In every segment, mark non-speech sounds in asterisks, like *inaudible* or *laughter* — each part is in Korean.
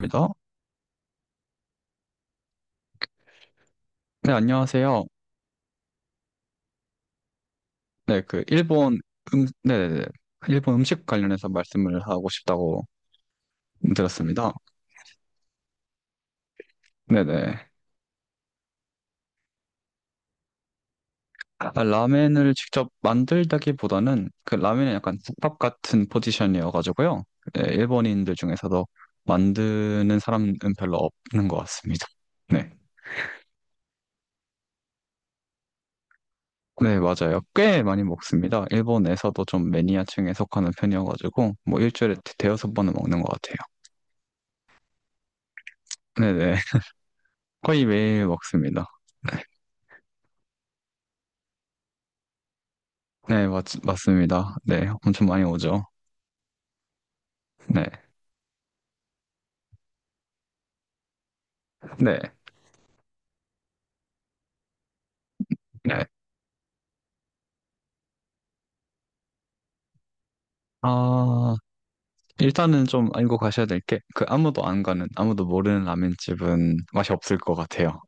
입니다. 네, 안녕하세요. 네, 그 일본 네네네. 일본 음식 관련해서 말씀을 하고 싶다고 들었습니다. 네네. 아, 라멘을 직접 만들다기보다는 그 라멘은 약간 국밥 같은 포지션이어가지고요. 네, 일본인들 중에서도 만드는 사람은 별로 없는 것 같습니다. 네. 네, 맞아요. 꽤 많이 먹습니다. 일본에서도 좀 매니아층에 속하는 편이어가지고, 뭐 일주일에 대여섯 번은 먹는 것 같아요. 네네. *laughs* 거의 매일 먹습니다. 네, 맞습니다. 네, 엄청 많이 오죠. 네, 네, 네. 아, 일단은 좀 알고 가셔야 될 게, 그 아무도 안 가는, 아무도 모르는 라면집은 맛이 없을 것 같아요.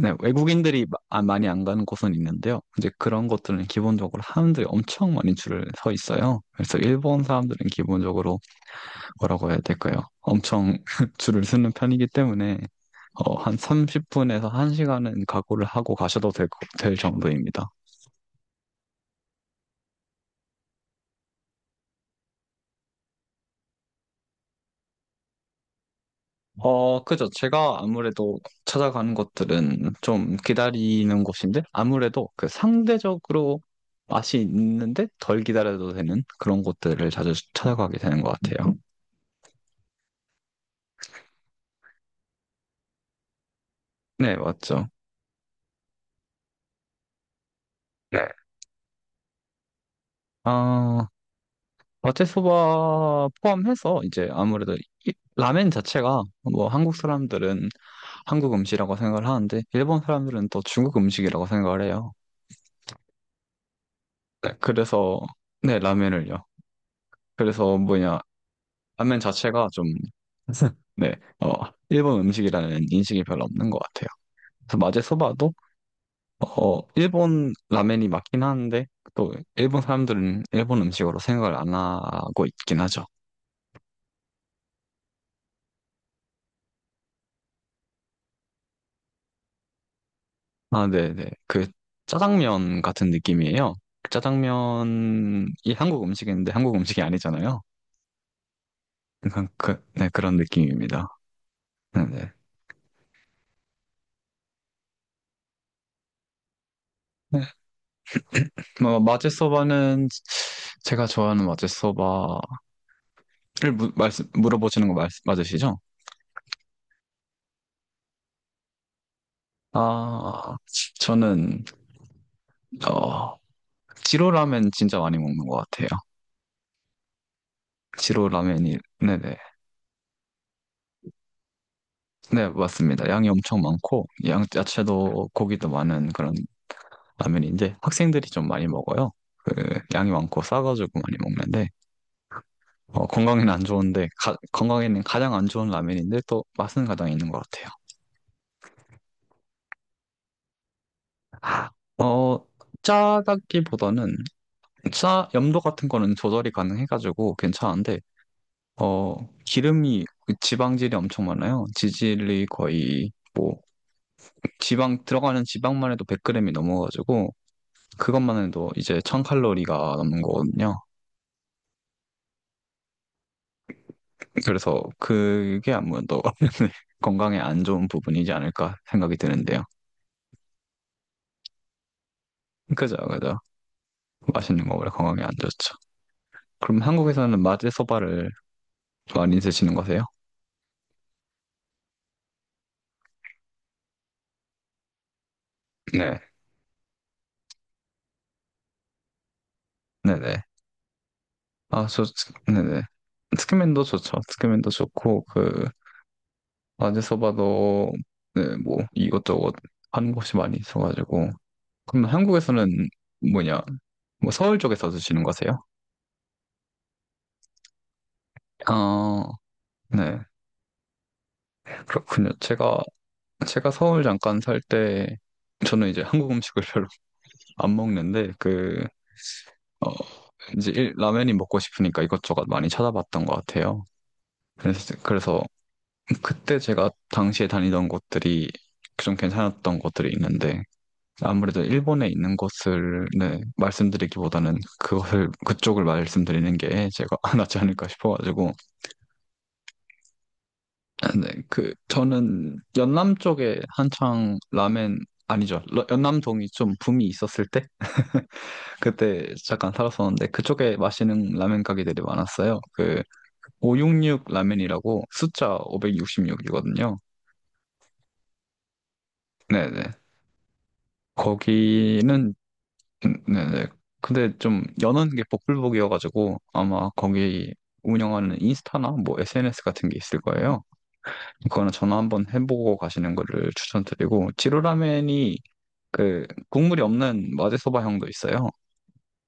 네, 외국인들이 아, 많이 안 가는 곳은 있는데요. 이제 그런 것들은 기본적으로 사람들이 엄청 많이 줄을 서 있어요. 그래서 일본 사람들은 기본적으로 뭐라고 해야 될까요? 엄청 *laughs* 줄을 서는 편이기 때문에, 어, 한 30분에서 1시간은 각오를 하고 가셔도 될 정도입니다. 어, 그죠. 제가 아무래도 찾아가는 것들은 좀 기다리는 곳인데, 아무래도 그 상대적으로 맛이 있는데 덜 기다려도 되는 그런 곳들을 자주 찾아가게 되는 것 같아요. 네, 맞죠. 네. 아, 마테소바 포함해서 이제 아무래도 라멘 자체가 뭐 한국 사람들은 한국 음식이라고 생각을 하는데, 일본 사람들은 또 중국 음식이라고 생각을 해요. 네. 그래서, 네, 라멘을요. 그래서 뭐냐, 라면 자체가 좀, *laughs* 네, 어, 일본 음식이라는 인식이 별로 없는 것 같아요. 그래서 마제 소바도, 어, 어, 일본 라면이 맞긴 하는데, 또 일본 사람들은 일본 음식으로 생각을 안 하고 있긴 하죠. 아, 네네. 그 짜장면 같은 느낌이에요. 그 짜장면이 한국 음식인데 한국 음식이 아니잖아요. 그러니까 그, 네, 그런 느낌입니다. 네네. 네. 네, 뭐, 마제 소바는, 제가 좋아하는 마제 소바를 물어보시는 거 맞으시죠? 아, 저는, 어, 지로 라멘 진짜 많이 먹는 것 같아요. 지로 라멘이, 네네. 네, 맞습니다. 양이 엄청 많고, 양, 야채도 고기도 많은 그런 라면인데, 학생들이 좀 많이 먹어요. 그, 양이 많고 싸가지고 많이 먹는데, 어, 건강에는 안 좋은데, 건강에는 가장 안 좋은 라면인데, 또 맛은 가장 있는 것 같아요. 어, 짜다기보다는, 짜, 염도 같은 거는 조절이 가능해가지고 괜찮은데, 어, 기름이 그 지방질이 엄청 많아요. 지질이 거의 뭐 지방 들어가는 지방만 해도 100g이 넘어가지고 그것만 해도 이제 1000칼로리가 넘는 거거든요. 그래서 그게 아무래도 *laughs* 건강에 안 좋은 부분이지 않을까 생각이 드는데요. 그죠, 그죠. 맛있는 거 원래 건강에 안 좋죠. 그럼 한국에서는 마제소바를 많이 드시는 거세요? 네. 네네. 아, 저, 네네. 스키맨도 좋죠. 스키맨도 좋고, 그, 어디 서봐도 네, 뭐 이것저것 하는 곳이 많이 있어가지고. 그럼 한국에서는 뭐냐 뭐 서울 쪽에서 드시는 거세요? 아, 네, 그렇군요. 제가 서울 잠깐 살 때 저는 이제 한국 음식을 별로 안 먹는데, 그 어, 이제 라면이 먹고 싶으니까 이것저것 많이 찾아봤던 것 같아요. 그래서 그때 제가 당시에 다니던 곳들이 좀 괜찮았던 곳들이 있는데, 아무래도 일본에 있는 곳을, 네, 말씀드리기보다는 그것을 그쪽을 말씀드리는 게 제가 *laughs* 낫지 않을까 싶어가지고. 네, 그 저는 연남 쪽에 한창 라멘, 아니죠, 연남동이 좀 붐이 있었을 때 그때 잠깐 살았었는데, 그쪽에 마시는 라멘 가게들이 많았어요. 그 566 라멘이라고, 숫자 566이거든요. 네네. 거기는 네네. 근데 좀 여는 게 복불복이어가지고 아마 거기 운영하는 인스타나 뭐 SNS 같은 게 있을 거예요. 그거는 전화 한번 해보고 가시는 거를 추천드리고, 지루라멘이 그 국물이 없는 마제소바형도 있어요.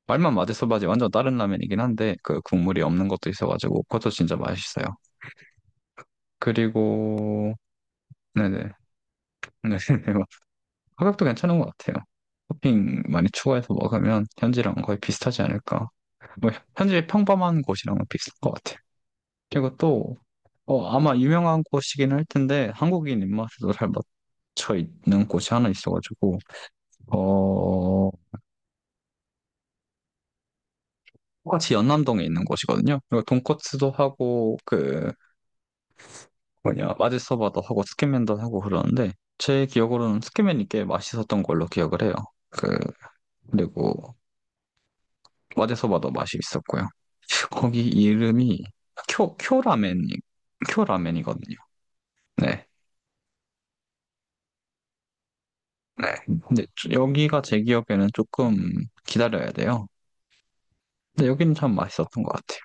말만 마제소바지 완전 다른 라면이긴 한데, 그 국물이 없는 것도 있어가지고 그것도 진짜 맛있어요. 그리고 네네. *laughs* 네, 네. 가격도 괜찮은 것 같아요. 토핑 많이 추가해서 먹으면 현지랑 거의 비슷하지 않을까. 뭐 현재 평범한 곳이랑은 비슷한 것 같아요. 그리고 또 어, 아마 유명한 곳이긴 할 텐데 한국인 입맛에도 잘 맞춰 있는 곳이 하나 있어가지고. 어, 똑같이 연남동에 있는 곳이거든요. 그리고 돈코츠도 하고, 그 뭐냐 마지서바도 하고, 스키맨도 하고 그러는데, 제 기억으로는 스키맨이 꽤 맛있었던 걸로 기억을 해요. 그 그리고 마지서바도 맛이 있었고요. 거기 이름이 쿄 쿄라멘 쿄라멘이거든요. 네. 네. 근데 여기가 제 기억에는 조금 기다려야 돼요. 근데 여기는 참 맛있었던 것 같아요.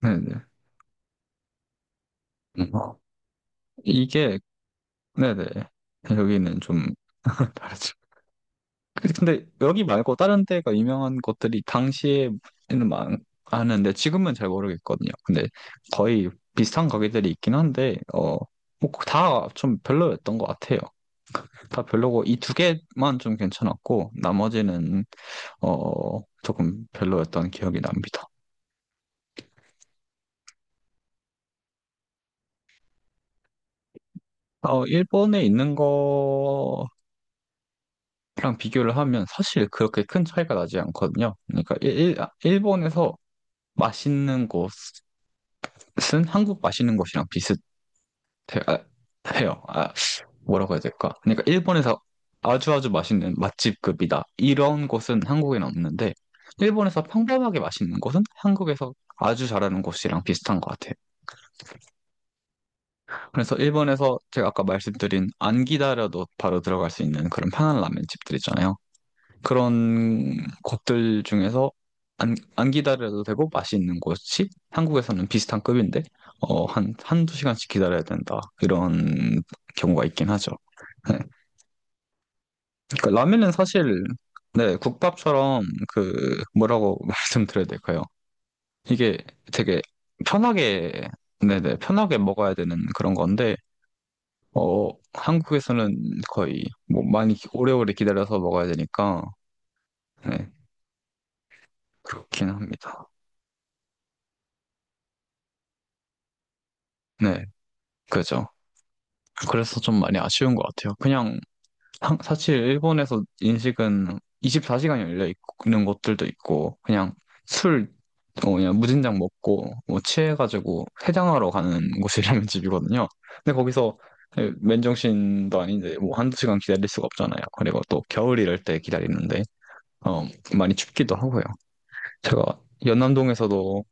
네네. 음. 어, 이게, 네네. 여기는 좀 *laughs* 다르죠. 근데 근데 여기 말고 다른 데가 유명한 것들이 당시에는 많, 아는데 지금은 잘 모르겠거든요. 근데 거의 비슷한 가게들이 있긴 한데, 어, 뭐 다좀 별로였던 것 같아요. 다 별로고 이 두 개만 좀 괜찮았고, 나머지는 어 조금 별로였던 기억이 납니다. 어, 일본에 있는 거랑 비교를 하면 사실 그렇게 큰 차이가 나지 않거든요. 그러니까 아, 일본에서 맛있는 곳은 한국 맛있는 곳이랑 비슷해요. 아, 뭐라고 해야 될까? 그러니까 일본에서 아주 아주 맛있는 맛집급이다, 이런 곳은 한국에는 없는데, 일본에서 평범하게 맛있는 곳은 한국에서 아주 잘하는 곳이랑 비슷한 것 같아요. 그래서 일본에서 제가 아까 말씀드린, 안 기다려도 바로 들어갈 수 있는 그런 편한 라멘 집들 있잖아요. 그런 곳들 중에서 안 기다려도 되고 맛이 있는 곳이 한국에서는 비슷한 급인데, 어, 한두 시간씩 기다려야 된다, 이런 경우가 있긴 하죠. *laughs* 네. 그러니까 라면은 사실, 네, 국밥처럼 그, 뭐라고 *laughs* 말씀드려야 될까요? 이게 되게 편하게, 네네, 편하게 먹어야 되는 그런 건데 어, 한국에서는 거의 뭐 많이 오래오래 기다려서 먹어야 되니까, 네, 그렇긴 합니다. 네. 그죠. 그래서 좀 많이 아쉬운 것 같아요. 그냥, 사실 일본에서 인식은 24시간 열려 있는 곳들도 있고, 그냥 술 어, 그냥 무진장 먹고 뭐 취해가지고 해장하러 가는 *laughs* 곳이 라면 집이거든요. 근데 거기서, 예, 맨정신도 아닌데 뭐 한두 시간 기다릴 수가 없잖아요. 그리고 또 겨울 이럴 때 기다리는데 어, 많이 춥기도 하고요. 제가 연남동에서도,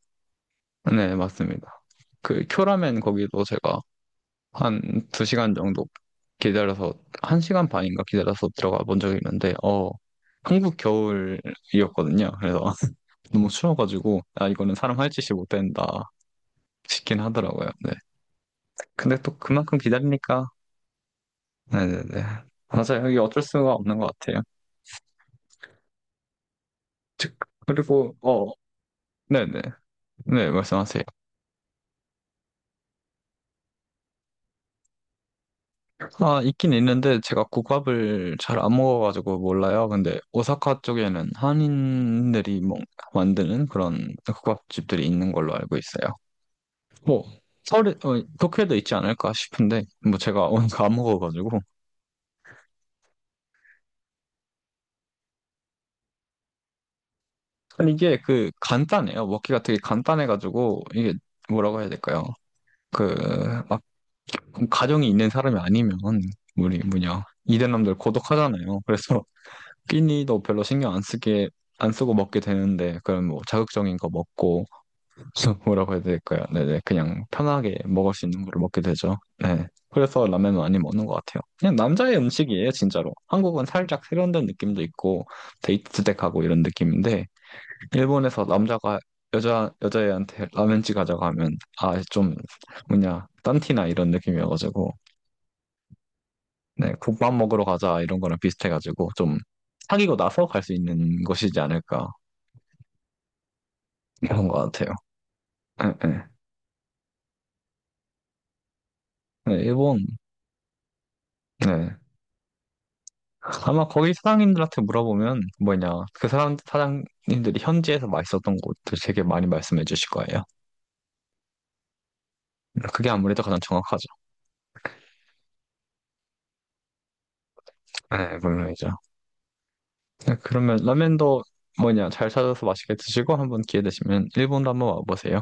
네, 맞습니다. 그 쿄라멘 거기도 제가 한 두 시간 정도 기다려서, 한 시간 반인가 기다려서 들어가 본 적이 있는데, 어, 한국 겨울이었거든요. 그래서 *laughs* 너무 추워가지고, 아, 이거는 사람 할 짓이 못 된다 싶긴 하더라고요. 네. 근데 또 그만큼 기다리니까. 네네네. 맞아요. 이게 어쩔 수가 없는 것 같아요. 즉, 그리고, 어, 네네. 네, 네, 말씀하세요. 아, 있긴 있는데 제가 국밥을 잘 안 먹어가지고 몰라요. 근데 오사카 쪽에는 한인들이 뭐 만드는 그런 국밥집들이 있는 걸로 알고 있어요. 뭐 서울에, 어, 도쿄에도 있지 않을까 싶은데, 뭐 제가 *laughs* 오늘 안 먹어가지고. 아니, 이게 그 간단해요. 먹기가 되게 간단해가지고, 이게 뭐라고 해야 될까요? 그 막 가정이 있는 사람이 아니면, 우리 뭐냐 이대남들 고독하잖아요. 그래서 끼니도 별로 신경 안 쓰게, 안 쓰고 먹게 되는데, 그럼 뭐 자극적인 거 먹고, *laughs* 뭐라고 해야 될까요? 네네, 그냥 편하게 먹을 수 있는 거를 먹게 되죠. 네, 그래서 라면은 많이 먹는 것 같아요. 그냥 남자의 음식이에요, 진짜로. 한국은 살짝 세련된 느낌도 있고 데이트 때 가고 이런 느낌인데, 일본에서 남자가 여자애한테 라면집 가자고 하면, 아 좀 뭐냐, 딴티나 이런 느낌이어가지고, 네, 국밥 먹으러 가자 이런 거랑 비슷해가지고, 좀 사귀고 나서 갈 수 있는 것이지 않을까, 그런 것 같아요. 예, 예. 네, 일본, 네. 아마 거기 사장님들한테 물어보면, 뭐냐, 그 사람, 사장님들이 현지에서 맛있었던 곳들 되게 많이 말씀해 주실 거예요. 그게 아무래도 가장 정확하죠. 네, 물론이죠. 네, 그러면 라면도 뭐냐, 잘 찾아서 맛있게 드시고, 한번 기회 되시면 일본도 한번 와보세요.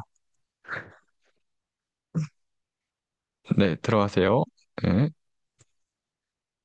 네, 들어가세요. 네.